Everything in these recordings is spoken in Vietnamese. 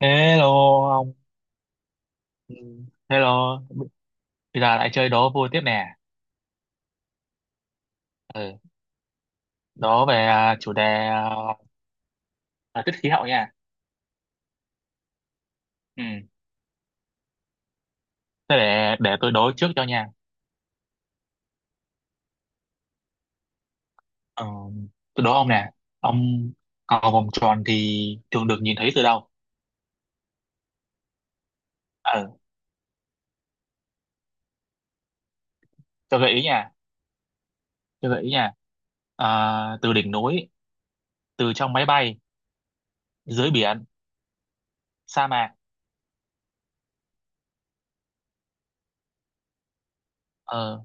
Hello ông. Ừ, hello, bây giờ lại chơi đố vui tiếp nè. Ừ. Đố về chủ đề thời tiết khí hậu nha. Ừ. Thế để tôi đố trước cho nha. Ờ, tôi đố ông nè. Ông cầu vòng tròn thì thường được nhìn thấy từ đâu? Ừ. Tôi gợi ý nha. Tôi gợi ý nha. Từ đỉnh núi, từ trong máy bay, dưới biển, sa mạc. Ờ,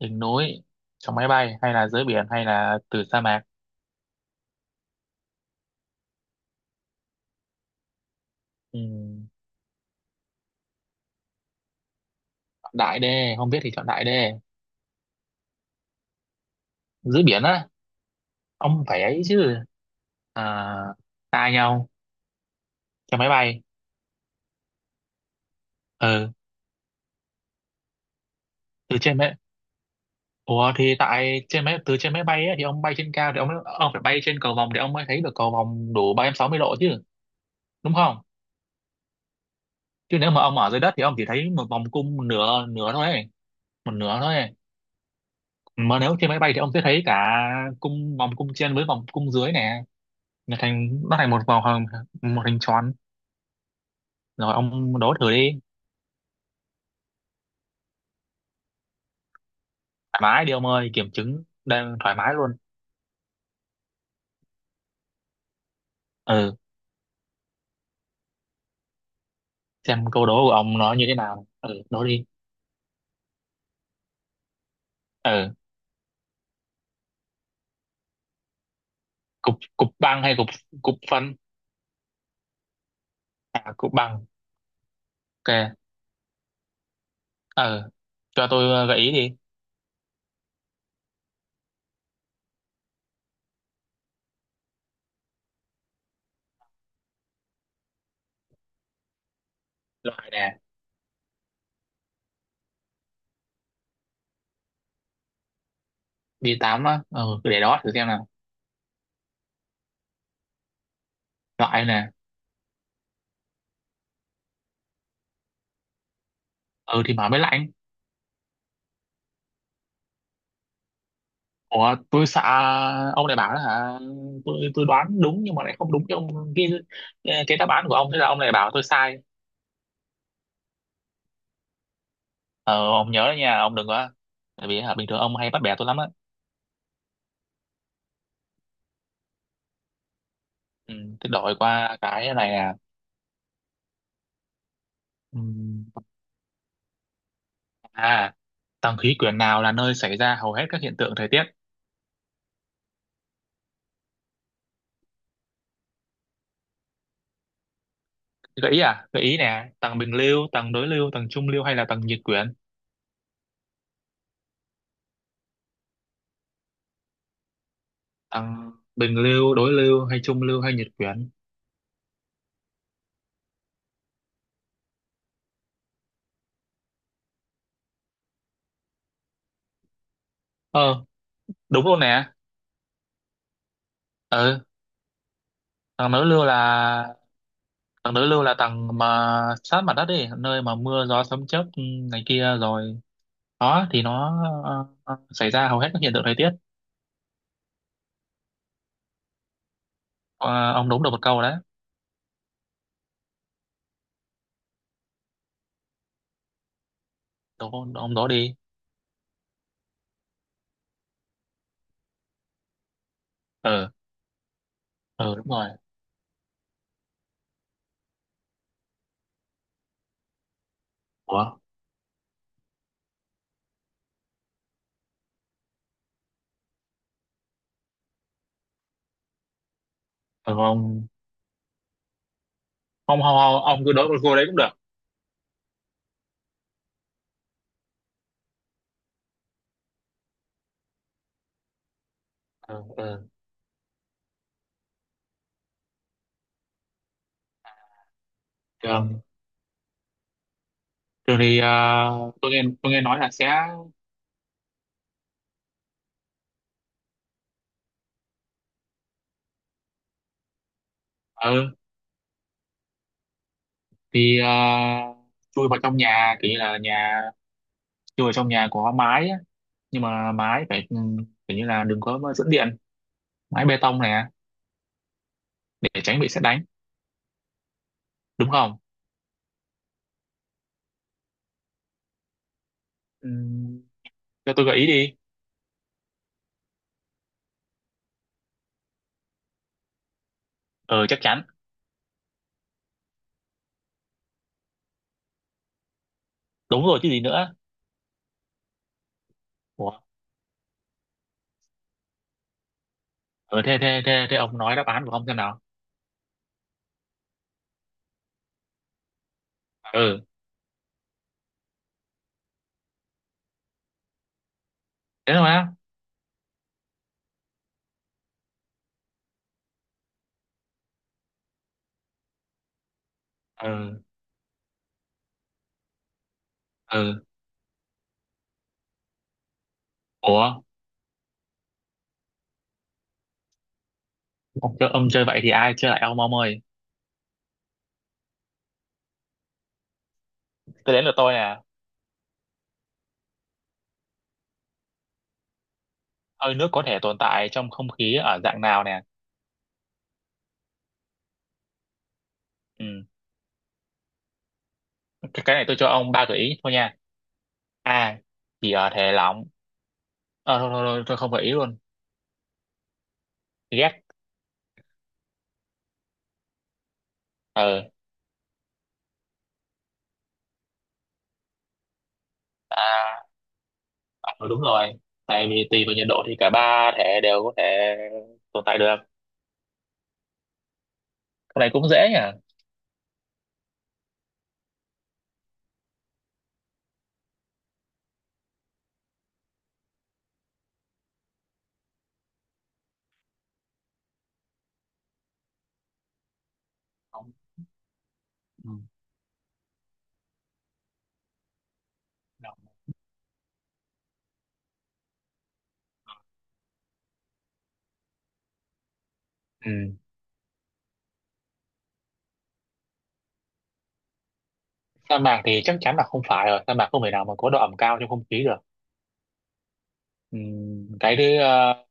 đỉnh núi, trong máy bay hay là dưới biển hay là từ sa mạc. Ừ. Chọn đại đê, không biết thì chọn đại đê. Dưới biển á. Ông phải ấy chứ, à, tại nhau, trên máy bay, ừ, từ trên máy, ủa thì tại trên máy, từ trên máy bay ấy, thì ông bay trên cao thì ông phải bay trên cầu vòng để ông mới thấy được cầu vòng đủ 360 độ chứ, đúng không? Chứ nếu mà ông ở dưới đất thì ông chỉ thấy một vòng cung, một nửa nửa thôi ấy, một nửa thôi ấy. Mà nếu trên máy bay thì ông sẽ thấy cả cung, vòng cung trên với vòng cung dưới nè, nó thành một một hình tròn. Rồi ông đố thử đi. Thoải mái đi ông ơi, kiểm chứng đang thoải mái luôn. Ừ, xem câu đố của ông nó như thế nào, ừ, đố đi. Ừ, cục cục băng hay cục, cục phân. À, cục băng. Ok. Ừ, cho tôi gợi ý đi. Loại nè. Đi tám á, ừ, để đó thử xem nào. Loại nè. Ừ thì mở mới lạnh. Ủa tôi sợ ông này bảo là hả, tôi đoán đúng nhưng mà lại không đúng cái ông, cái đáp án của ông, thế là ông này bảo tôi sai. Ờ ông nhớ đấy nha, ông đừng có, tại vì hả bình thường ông hay bắt bẻ tôi lắm á. Ừ, thế đổi qua cái này nè. Ừ. À, tầng khí quyển nào là nơi xảy ra hầu hết các hiện tượng thời tiết? Gợi ý à? Gợi ý nè, tầng bình lưu, tầng đối lưu, tầng trung lưu hay là tầng nhiệt quyển? Tầng bình lưu, đối lưu hay trung lưu hay nhiệt quyển? Ờ, đúng luôn nè. Ờ, tầng đối lưu là tầng đối lưu là tầng mà sát mặt đất đi, nơi mà mưa gió sấm chớp, ừ, này kia rồi. Đó thì nó xảy ra hầu hết các hiện tượng thời tiết. Ờ, ông đúng được một câu đấy. Đúng, ông đó đi. Ờ, ờ đúng rồi. Ủa, ờ, ông cứ đối một cô đấy cũng được. ờ ờ Thường thường thì tôi nghe nói là sẽ, ờ thì chui vào trong nhà, kiểu như là nhà, chui vào trong nhà có mái á. Nhưng mà mái phải, ừ, kiểu như là đừng có dẫn điện, mái bê tông này, để tránh bị sét đánh, đúng không? Ừ, cho tôi gợi ý đi. Ờ chắc chắn. Đúng rồi chứ gì nữa. Ủa, ờ, thế thế thế thế ông nói đáp án của ông xem nào. Ừ, thế thôi á. Ừ. Ừ. Ủa, ông chơi vậy thì ai chơi lại ông ơi. Tới đến lượt tôi nè. Hơi nước có thể tồn tại trong không khí ở dạng nào nè? Ừ. cái này tôi cho ông ba gợi ý thôi nha. A, chỉ ở thể lỏng, ờ thôi, thôi, thôi, tôi không gợi ý luôn. Ghét. Ờ. À, ờ, đúng rồi. Tại vì tùy vào nhiệt độ thì cả ba thể đều có thể tồn tại được. Cái này cũng dễ nhỉ. Không. Ừ. Đâu. Ừ. Sa mạc thì chắc chắn là không phải rồi, sa mạc không thể nào mà có độ ẩm cao trong không khí được. Ừ. Cái thứ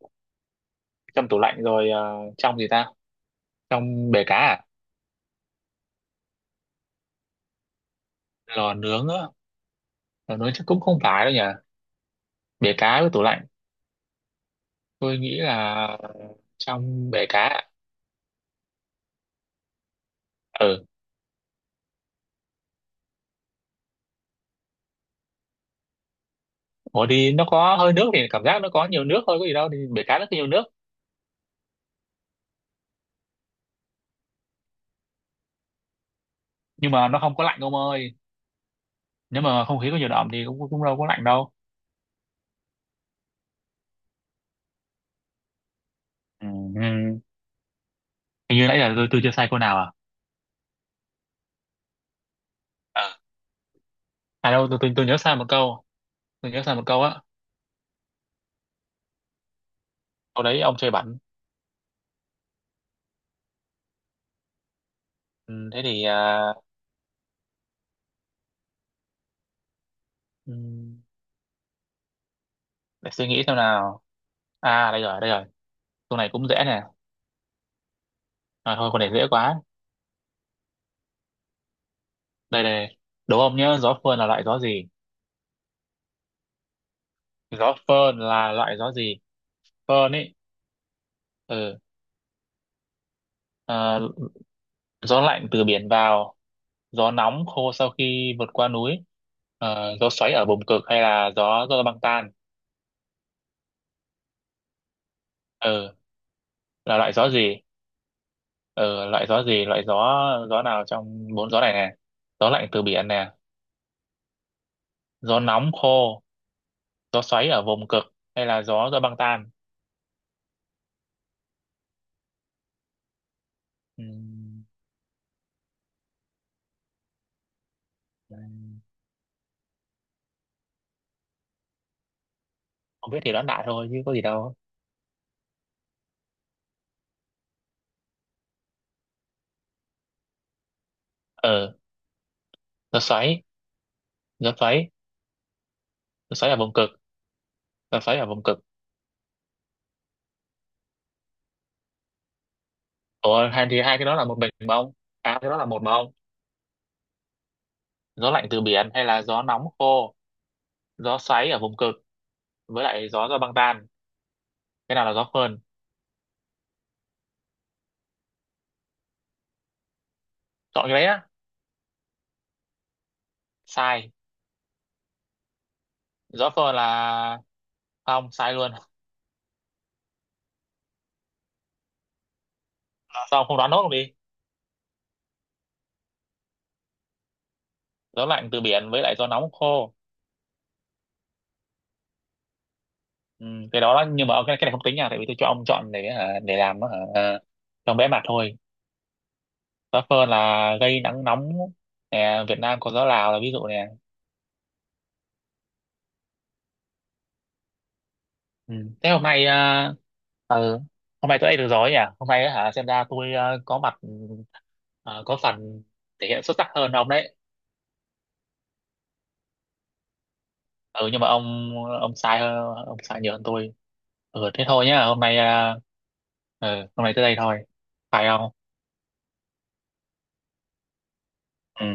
trong tủ lạnh rồi, ờ, trong gì ta, trong bể cá à. Lò nướng á, lò nướng chắc cũng không phải đâu nhỉ. Bể cá với tủ lạnh. Tôi nghĩ là trong bể cá ạ. Ừ. Ủa đi, nó có hơi nước thì cảm giác nó có nhiều nước thôi có gì đâu, thì bể cá nó có nhiều nước. Nhưng mà nó không có lạnh ông ơi, nếu mà không khí có nhiều đậm thì cũng cũng đâu có lạnh đâu. Ừ. Ừ. Hình như nãy giờ tôi chưa sai câu nào à. À, À đâu, tôi nhớ sai một câu. Tôi nhớ sai một câu á, câu đấy ông chơi bẩn. Ừ, thế thì ừ, để suy nghĩ xem nào. À đây rồi đây rồi, câu này cũng dễ nè. À, thôi câu này dễ quá. Đây đây. Đố ông nhớ gió phơn là loại gió gì. Gió phơn là loại gió gì. Phơn ấy. Ừ. À, gió lạnh từ biển vào, gió nóng khô sau khi vượt qua núi, ờ, gió xoáy ở vùng cực hay là gió do băng tan. Ừ. Là loại gió gì. Ừ. Loại gió gì, loại gió, gió nào trong bốn gió này nè. Gió lạnh từ biển nè, gió nóng khô, gió xoáy ở vùng cực hay là gió do băng tan. Ừm, không biết thì đoán đại thôi chứ có gì đâu. Ừ. Gió xoáy, gió xoáy, gió xoáy ở vùng cực. Gió xoáy ở vùng cực. Ủa, hai thì hai cái đó là một mình mà ông. À cái đó là một mà ông. Gió lạnh từ biển hay là gió nóng khô, gió xoáy ở vùng cực với lại gió do băng tan. Cái nào là gió phơn? Chọn cái đấy á. Sai. Gió phơn là, không, sai luôn. Sao ông không đoán nốt luôn đi? Gió lạnh từ biển với lại gió nóng khô. Ừ, cái đó, nhưng mà cái này không tính nha, tại vì tôi cho ông chọn để hả, để làm hả, à, cho vẽ mặt thôi. Gió phơn là gây nắng nóng nè, Việt Nam có gió Lào là ví dụ nè. Ừ. Thế hôm nay ờ, hôm nay tôi ấy được rồi ấy nhỉ? Hôm nay á hả, xem ra tôi có mặt, ờ, có phần thể hiện xuất sắc hơn ông đấy. Ừ nhưng mà ông, ông sai nhiều hơn tôi. Ừ thế thôi nhá, hôm nay ừ, hôm nay tới đây thôi. Phải không? Ừ.